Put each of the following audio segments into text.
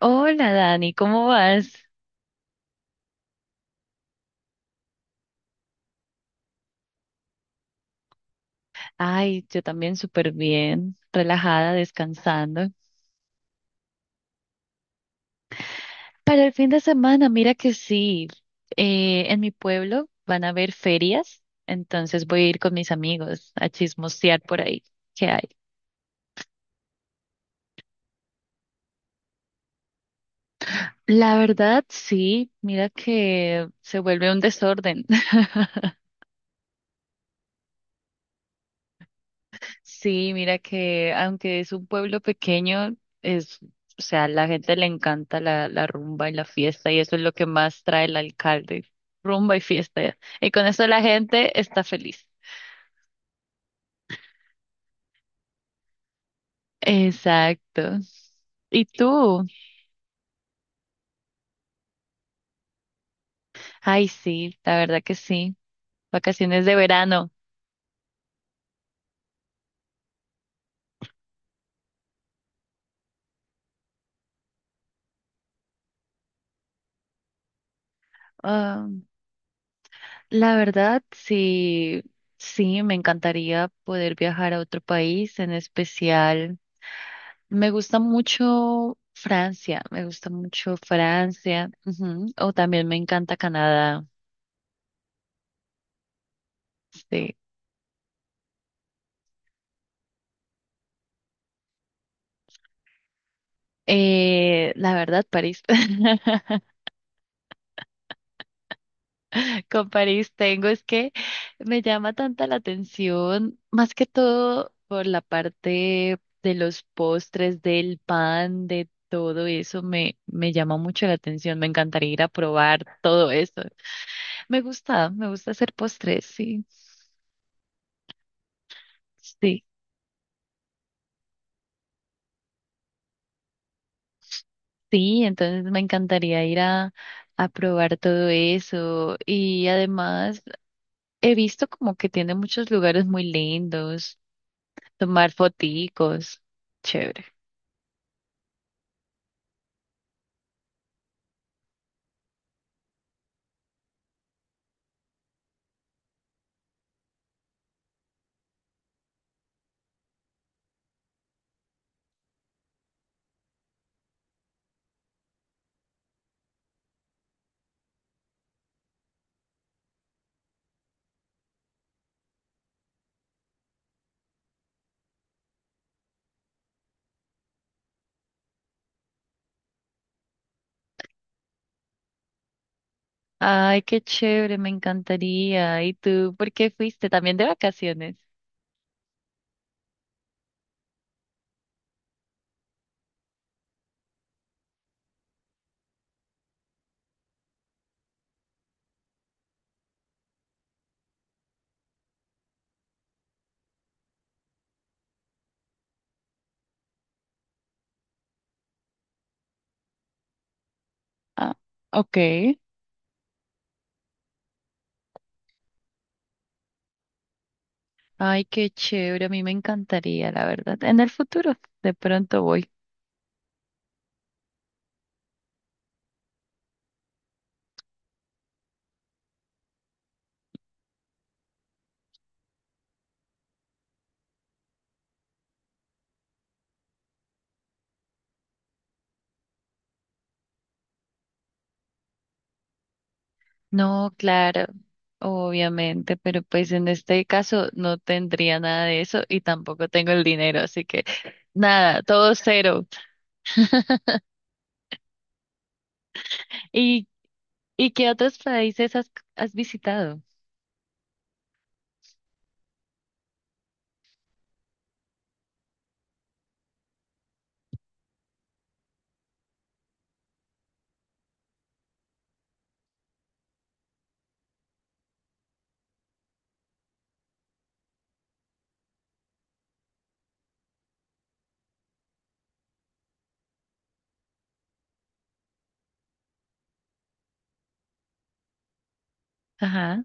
Hola Dani, ¿cómo vas? Ay, yo también súper bien, relajada, descansando. Para el fin de semana, mira que sí, en mi pueblo van a haber ferias, entonces voy a ir con mis amigos a chismosear por ahí. ¿Qué hay? La verdad, sí, mira que se vuelve un desorden. Sí, mira que aunque es un pueblo pequeño, es, o sea, a la gente le encanta la rumba y la fiesta y eso es lo que más trae el alcalde, rumba y fiesta. Y con eso la gente está feliz. Exacto. ¿Y tú? Ay, sí, la verdad que sí. Vacaciones de verano. Ah, la verdad, sí, sí, me encantaría poder viajar a otro país, en especial. Me gusta mucho Francia, me gusta mucho Francia, ujú, o también me encanta Canadá, sí. La verdad, París. Con París tengo, es que me llama tanta la atención, más que todo por la parte de los postres, del pan, de todo eso, me llama mucho la atención, me encantaría ir a probar todo eso. Me gusta hacer postres, sí, sí. Sí, entonces me encantaría ir a probar todo eso. Y además he visto como que tiene muchos lugares muy lindos, tomar foticos. Chévere. Ay, qué chévere, me encantaría. ¿Y tú por qué fuiste? También de vacaciones. Ah, ok. Ay, qué chévere, a mí me encantaría, la verdad. En el futuro, de pronto voy. No, claro, obviamente, pero pues en este caso no tendría nada de eso y tampoco tengo el dinero, así que nada, todo cero. ¿Y, y qué otros países has visitado? Ajá.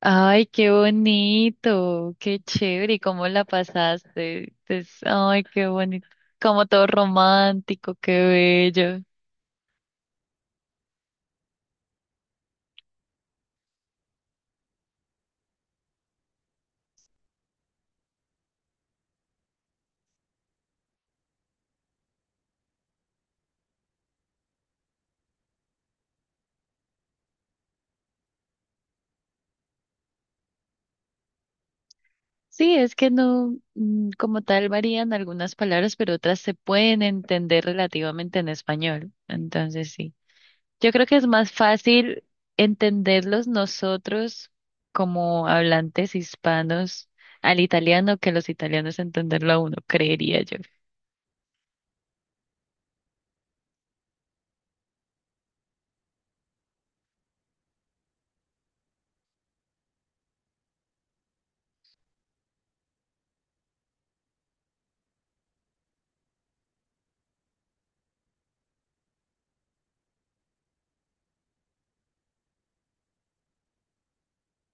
Ay, qué bonito, qué chévere, ¿y cómo la pasaste? Pues, ay, qué bonito, como todo romántico, qué bello. Sí, es que no, como tal varían algunas palabras, pero otras se pueden entender relativamente en español. Entonces, sí. Yo creo que es más fácil entenderlos nosotros como hablantes hispanos al italiano que los italianos entenderlo a uno, creería yo.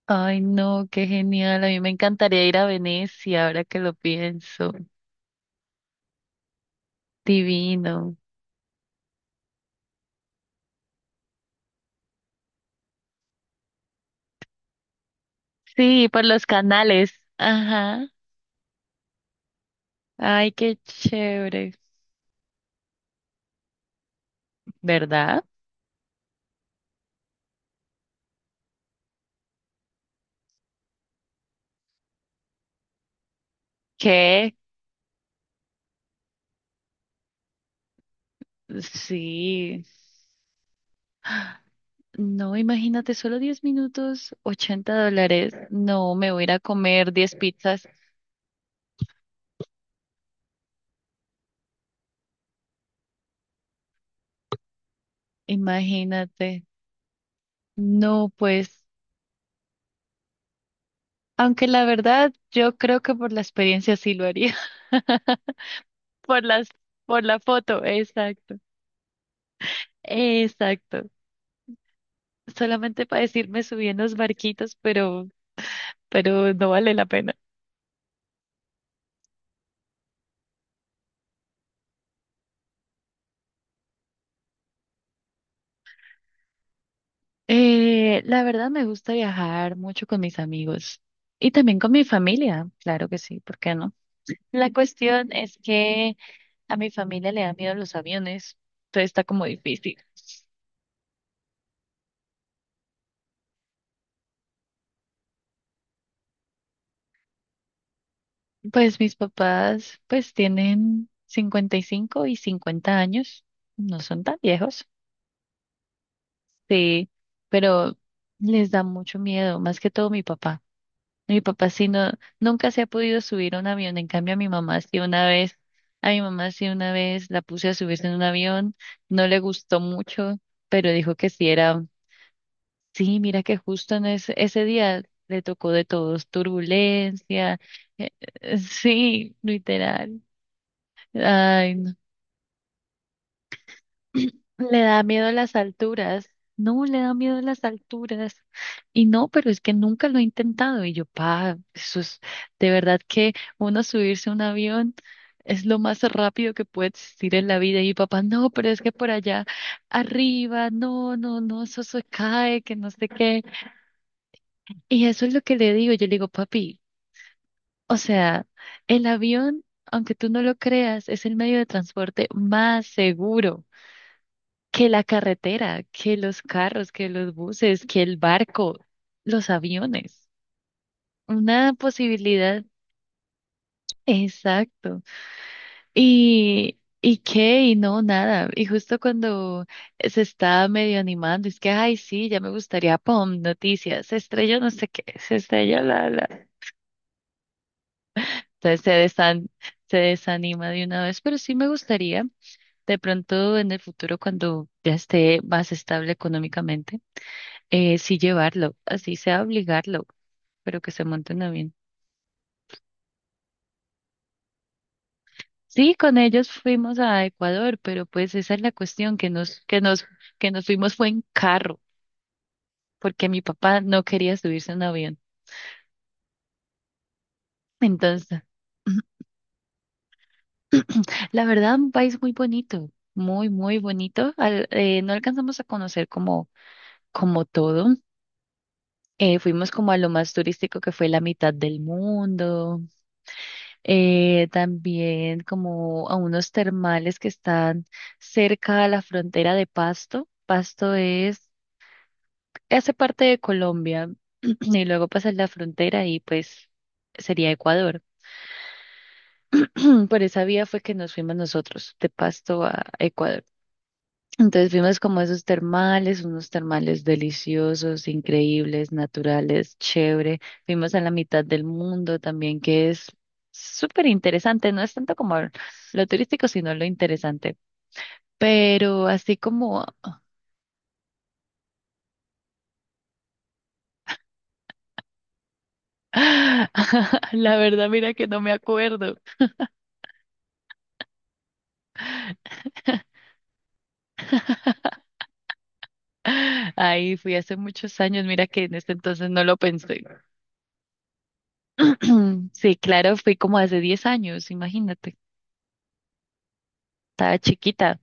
Ay, no, qué genial. A mí me encantaría ir a Venecia ahora que lo pienso. Divino. Sí, por los canales. Ajá. Ay, qué chévere. ¿Verdad? Que sí, no, imagínate, solo 10 minutos, $80. No, me voy a ir a comer 10 pizzas, imagínate. No, pues, aunque la verdad, yo creo que por la experiencia sí lo haría, por las, por la foto, exacto, exacto. Solamente para decirme subí en los barquitos, pero no vale la pena. La verdad me gusta viajar mucho con mis amigos y también con mi familia, claro que sí, ¿por qué no? La cuestión es que a mi familia le da miedo los aviones, entonces está como difícil. Pues mis papás pues tienen 55 y 50 años, no son tan viejos, sí, pero les da mucho miedo, más que todo mi papá. Mi papá sí no, nunca se ha podido subir a un avión, en cambio a mi mamá sí una vez, la puse a subirse en un avión, no le gustó mucho, pero dijo que sí era, sí, mira que justo en ese día le tocó de todos, turbulencia, eh, sí, literal. Ay, no. Le da miedo a las alturas. No, le da miedo a las alturas. Y no, pero es que nunca lo he intentado. Y yo, pa, eso es de verdad que uno subirse a un avión es lo más rápido que puede existir en la vida. Y mi papá, no, pero es que por allá arriba, no, no, no, eso se cae, que no sé qué. Y eso es lo que le digo. Yo le digo, papi, o sea, el avión, aunque tú no lo creas, es el medio de transporte más seguro. Que la carretera, que los carros, que los buses, que el barco, los aviones. Una posibilidad, exacto. Y qué, y no, nada. Y justo cuando se está medio animando, es que, ay, sí, ya me gustaría, pum, noticias, se estrelló no sé qué, se estrelló la, la. Entonces se desanima de una vez, pero sí me gustaría, de pronto en el futuro, cuando ya esté más estable económicamente. Sí llevarlo, así sea obligarlo, pero que se monten a bien. Sí, con ellos fuimos a Ecuador, pero pues esa es la cuestión, que nos fuimos fue en carro, porque mi papá no quería subirse en avión. Entonces, la verdad, un país muy bonito, muy, muy bonito. No alcanzamos a conocer como todo. Fuimos como a lo más turístico que fue la mitad del mundo, también como a unos termales que están cerca a la frontera de Pasto. Hace parte de Colombia y luego pasas la frontera y pues sería Ecuador. Por esa vía fue que nos fuimos nosotros de Pasto a Ecuador. Entonces vimos como esos termales, unos termales deliciosos, increíbles, naturales, chévere. Vimos a la mitad del mundo también, que es súper interesante. No es tanto como lo turístico, sino lo interesante. Pero así como, la verdad, mira que no me acuerdo. Ahí fui hace muchos años, mira que en este entonces no lo pensé. Sí, claro, fui como hace 10 años, imagínate. Estaba chiquita.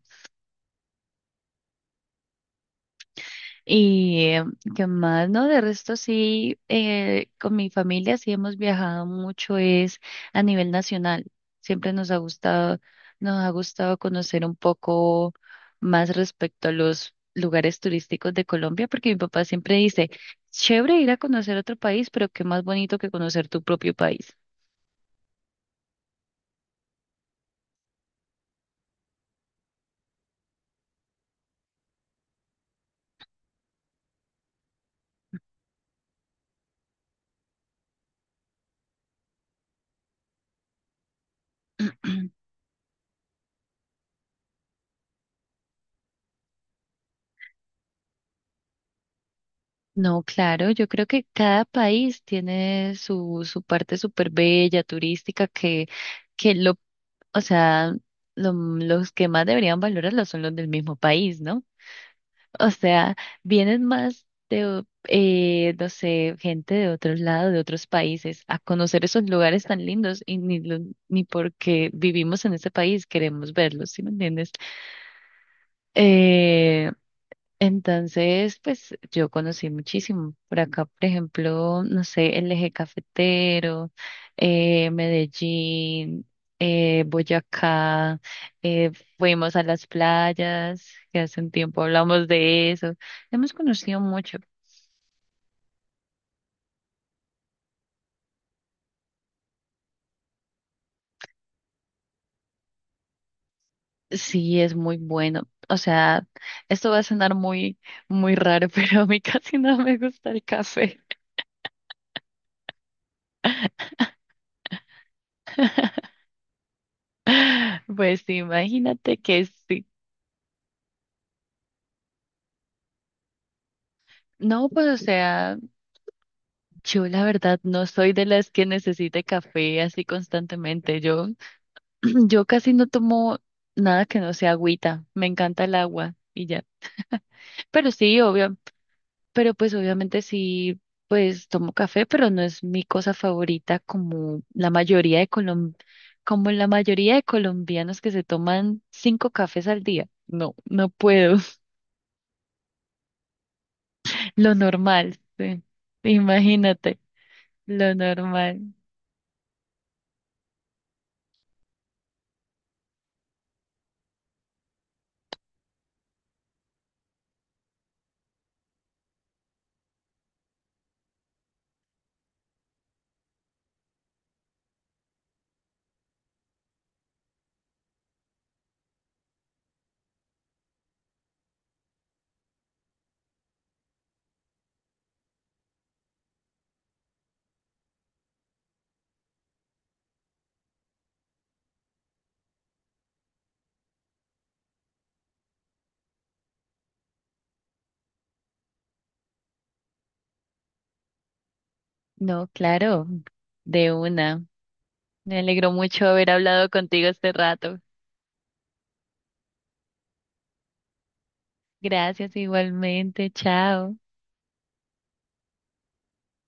Y qué más, ¿no? De resto sí, con mi familia sí hemos viajado mucho, es a nivel nacional. Siempre nos ha gustado, Nos ha gustado conocer un poco más respecto a los lugares turísticos de Colombia, porque mi papá siempre dice, chévere ir a conocer otro país, pero qué más bonito que conocer tu propio país. No, claro, yo creo que cada país tiene su parte súper bella, turística, que lo o sea, los que más deberían valorarlo son los del mismo país, ¿no? O sea, vienen más de, no sé, gente de otros lados, de otros países, a conocer esos lugares tan lindos y ni, ni porque vivimos en ese país queremos verlos, ¿sí me entiendes? Eh, entonces, pues yo conocí muchísimo. Por acá, por ejemplo, no sé, el eje cafetero, Medellín, Boyacá, eh, fuimos a las playas, que hace un tiempo hablamos de eso. Hemos conocido mucho. Sí, es muy bueno. O sea, esto va a sonar muy, muy raro, pero a mí casi no me gusta el café. Pues imagínate que sí. No, pues o sea. Yo la verdad no soy de las que necesite café así constantemente. Yo, yo casi no tomo nada que no sea agüita. Me encanta el agua y ya. Pero sí, obvio. Pero pues obviamente sí, pues tomo café, pero no es mi cosa favorita como la mayoría de colombianos que se toman cinco cafés al día. No, no puedo. Lo normal, sí. Imagínate, lo normal. No, claro, de una. Me alegro mucho haber hablado contigo este rato. Gracias igualmente. Chao.